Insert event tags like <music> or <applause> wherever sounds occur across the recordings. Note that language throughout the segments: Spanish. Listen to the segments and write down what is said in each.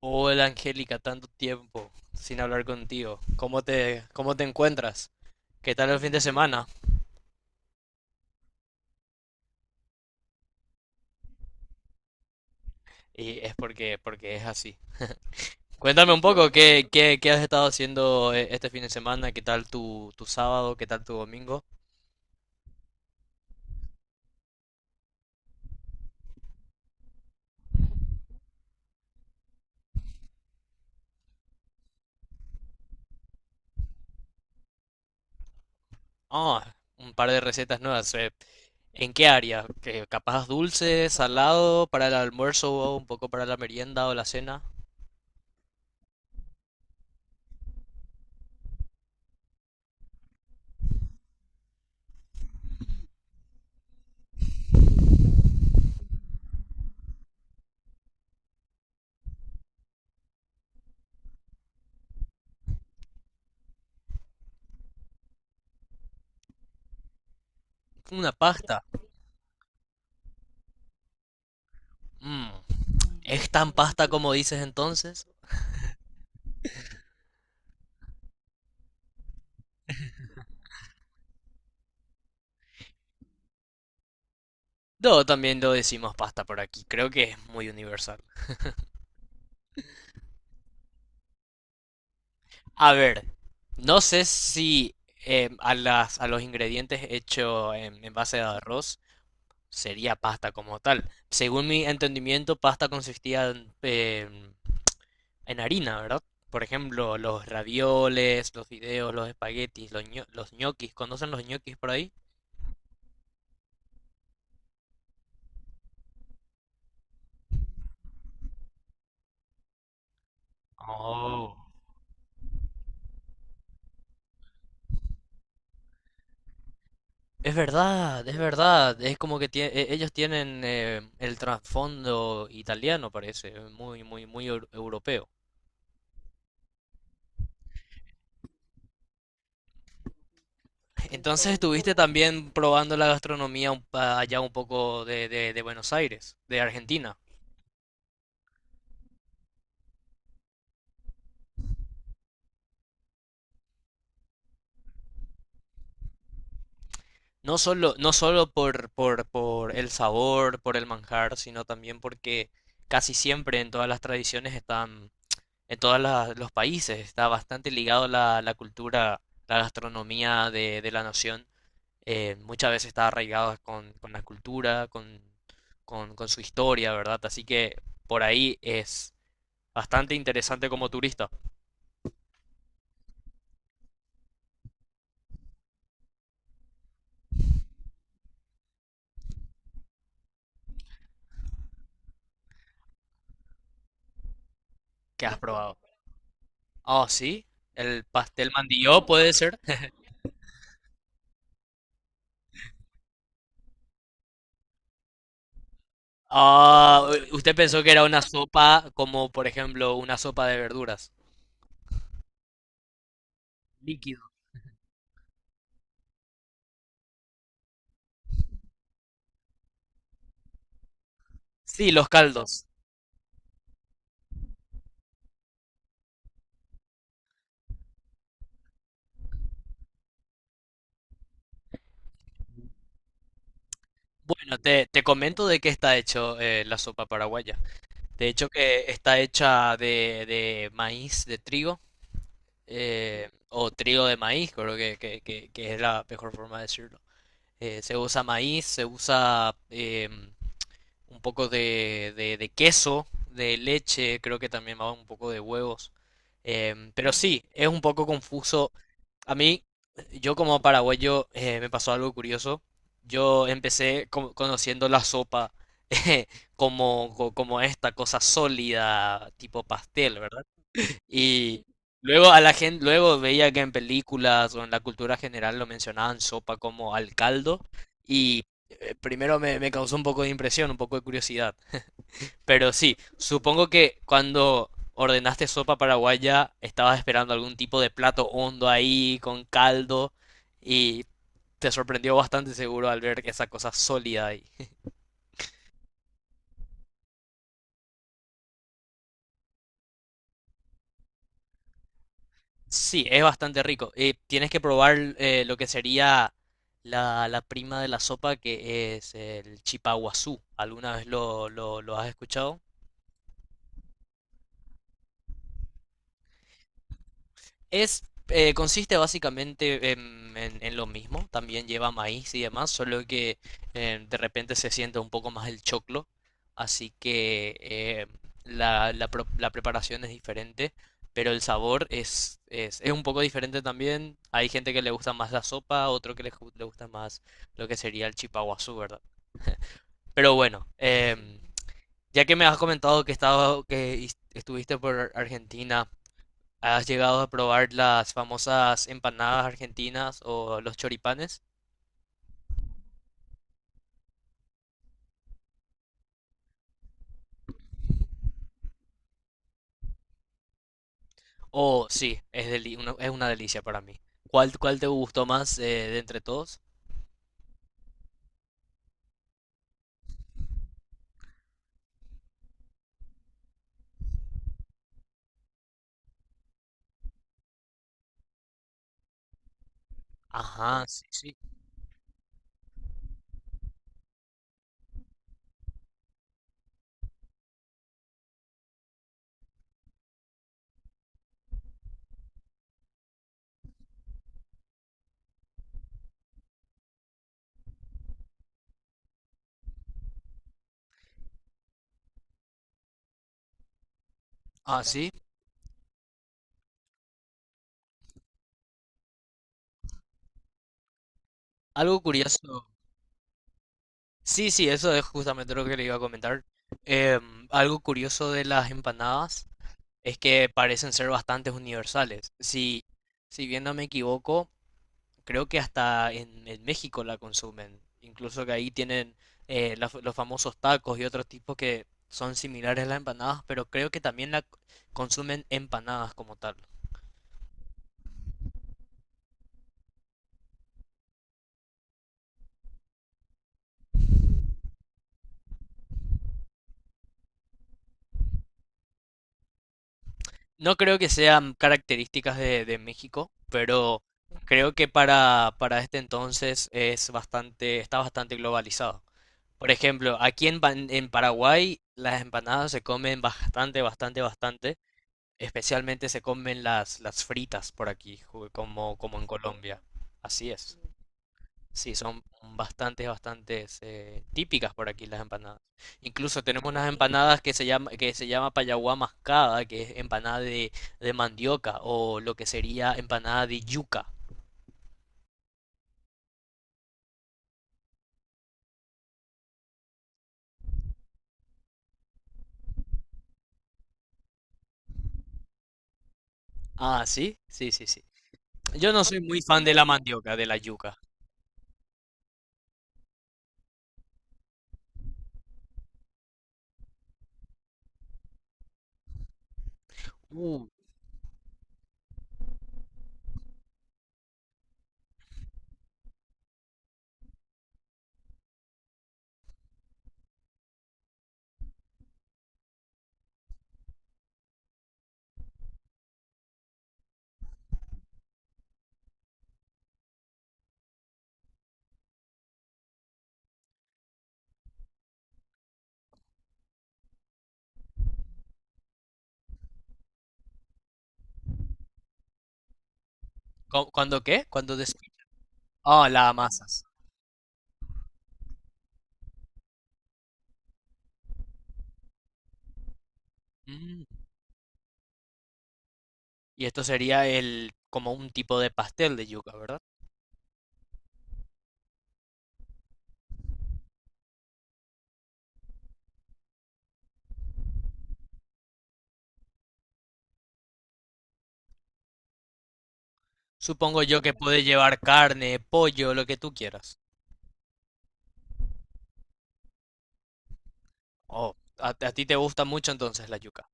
Hola Angélica, tanto tiempo sin hablar contigo. ¿Cómo te encuentras? ¿Qué tal el fin de semana? Y es porque es así. Cuéntame un poco, ¿qué has estado haciendo este fin de semana? ¿Qué tal tu sábado? ¿Qué tal tu domingo? Ah, un par de recetas nuevas. ¿En qué área? ¿Que capaz dulce, salado, para el almuerzo o un poco para la merienda o la cena? Una pasta. Mm, ¿es tan pasta como dices entonces? No, también lo decimos pasta por aquí. Creo que es muy universal. A ver, no sé si a los ingredientes hechos en base de arroz sería pasta como tal. Según mi entendimiento, pasta consistía en, en harina, ¿verdad? Por ejemplo, los ravioles, los fideos, los espaguetis, los, los ñoquis. ¿Conocen los ñoquis por ahí? Oh. Es verdad, es verdad. Es como que ellos tienen el trasfondo italiano, parece, muy, muy, muy europeo. <laughs> Entonces estuviste también probando la gastronomía un allá un poco de, de Buenos Aires, de Argentina. No solo, no solo por el sabor, por el manjar, sino también porque casi siempre en todas las tradiciones están, en todos los países, está bastante ligado la, la cultura, la gastronomía de la nación muchas veces está arraigado con la cultura, con su historia, ¿verdad? Así que por ahí es bastante interesante como turista. ¿Qué has probado? Ah, sí, el pastel mandilló puede ser. Ah, usted pensó que era una sopa como, por ejemplo, una sopa de verduras. Líquido. Sí, los caldos. Bueno, te comento de qué está hecho la sopa paraguaya. De hecho, que está hecha de maíz, de trigo. O trigo de maíz, creo que, que es la mejor forma de decirlo. Se usa maíz, se usa un poco de, de queso, de leche, creo que también va un poco de huevos. Em, pero sí, es un poco confuso. A mí, yo como paraguayo, me pasó algo curioso. Yo empecé conociendo la sopa <laughs> como, como esta cosa sólida, tipo pastel, ¿verdad? Y luego a la gente, luego veía que en películas o en la cultura general lo mencionaban sopa como al caldo. Y primero me, me causó un poco de impresión, un poco de curiosidad. Pero sí, supongo que cuando ordenaste sopa paraguaya, estabas esperando algún tipo de plato hondo ahí, con caldo, y te sorprendió bastante seguro al ver esa cosa sólida ahí. Sí, es bastante rico. Tienes que probar lo que sería la, la prima de la sopa, que es el chipaguazú. ¿Alguna vez lo, lo has escuchado? Es, consiste básicamente en, en lo mismo, también lleva maíz y demás, solo que de repente se siente un poco más el choclo, así que la, la preparación es diferente, pero el sabor es un poco diferente también. Hay gente que le gusta más la sopa, otro que le, le gusta más lo que sería el chipaguazú, ¿verdad? Pero bueno, ya que me has comentado que, estaba, que estuviste por Argentina, ¿has llegado a probar las famosas empanadas argentinas o los choripanes? Oh, sí, es, es una delicia para mí. ¿Cuál te gustó más de entre todos? Ajá, sí, sí. Ah, sí. Algo curioso. Sí, sí, eso es justamente lo que le iba a comentar. Em, algo curioso de las empanadas es que parecen ser bastante universales. Si, si bien no me equivoco, creo que hasta en México la consumen. Incluso que ahí tienen los famosos tacos y otros tipos que son similares a las empanadas, pero creo que también la consumen empanadas como tal. No creo que sean características de México, pero creo que para este entonces es bastante, está bastante globalizado. Por ejemplo, aquí en, en Paraguay las empanadas se comen bastante, bastante, bastante. Especialmente se comen las fritas por aquí, como, como en Colombia. Así es. Sí, son bastantes, bastantes típicas por aquí las empanadas. Incluso tenemos unas empanadas que se llama payaguá mascada, que es empanada de mandioca, o lo que sería empanada de yuca. Ah, sí, sí, sí, sí. Yo no soy muy fan de la mandioca, de la yuca. Uh, ¿Cuándo qué? Cuando des... Ah, la amasas. Mm. Y esto sería el como un tipo de pastel de yuca, ¿verdad? Supongo yo que puede llevar carne, pollo, lo que tú quieras. Oh, a ti te gusta mucho entonces la yuca.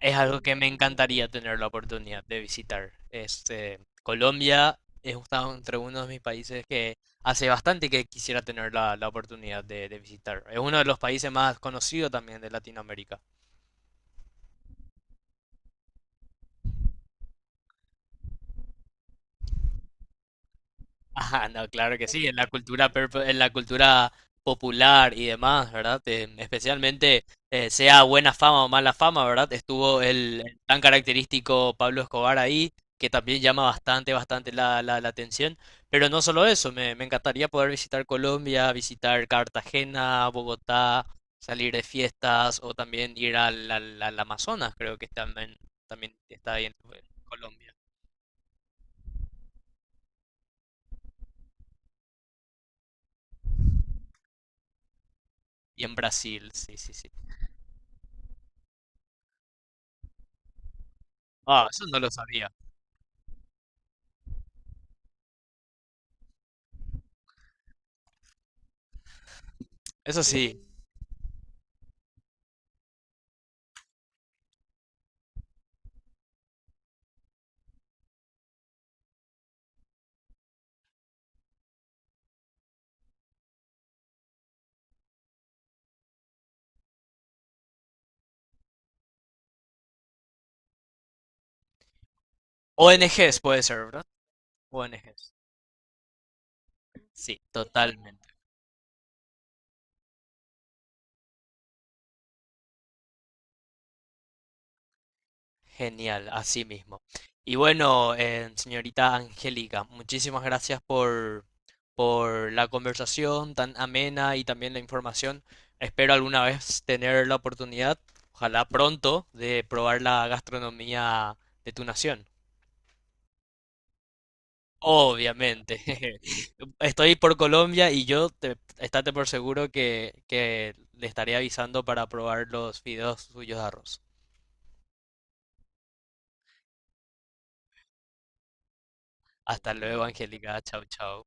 Es algo que me encantaría tener la oportunidad de visitar. Este, Colombia es entre uno de mis países que hace bastante que quisiera tener la, la oportunidad de visitar. Es uno de los países más conocidos también de Latinoamérica. Ajá, no, claro que sí, en la cultura en la cultura popular y demás, ¿verdad? Especialmente sea buena fama o mala fama, ¿verdad? Estuvo el tan característico Pablo Escobar ahí, que también llama bastante, bastante la, la atención. Pero no solo eso, me encantaría poder visitar Colombia, visitar Cartagena, Bogotá, salir de fiestas o también ir al, al Amazonas, creo que también, también está ahí en Colombia y en Brasil, sí, sí, sí. Ah, eso no lo sabía. Eso sí. ¿ONGs puede ser, ¿verdad? ONGs. Sí, totalmente. Genial, así mismo. Y bueno, señorita Angélica, muchísimas gracias por la conversación tan amena y también la información. Espero alguna vez tener la oportunidad, ojalá pronto, de probar la gastronomía de tu nación. Obviamente. <laughs> Estoy por Colombia y yo te, estate por seguro que le estaré avisando para probar los fideos suyos de arroz. Hasta luego, Angélica. Chau, chau.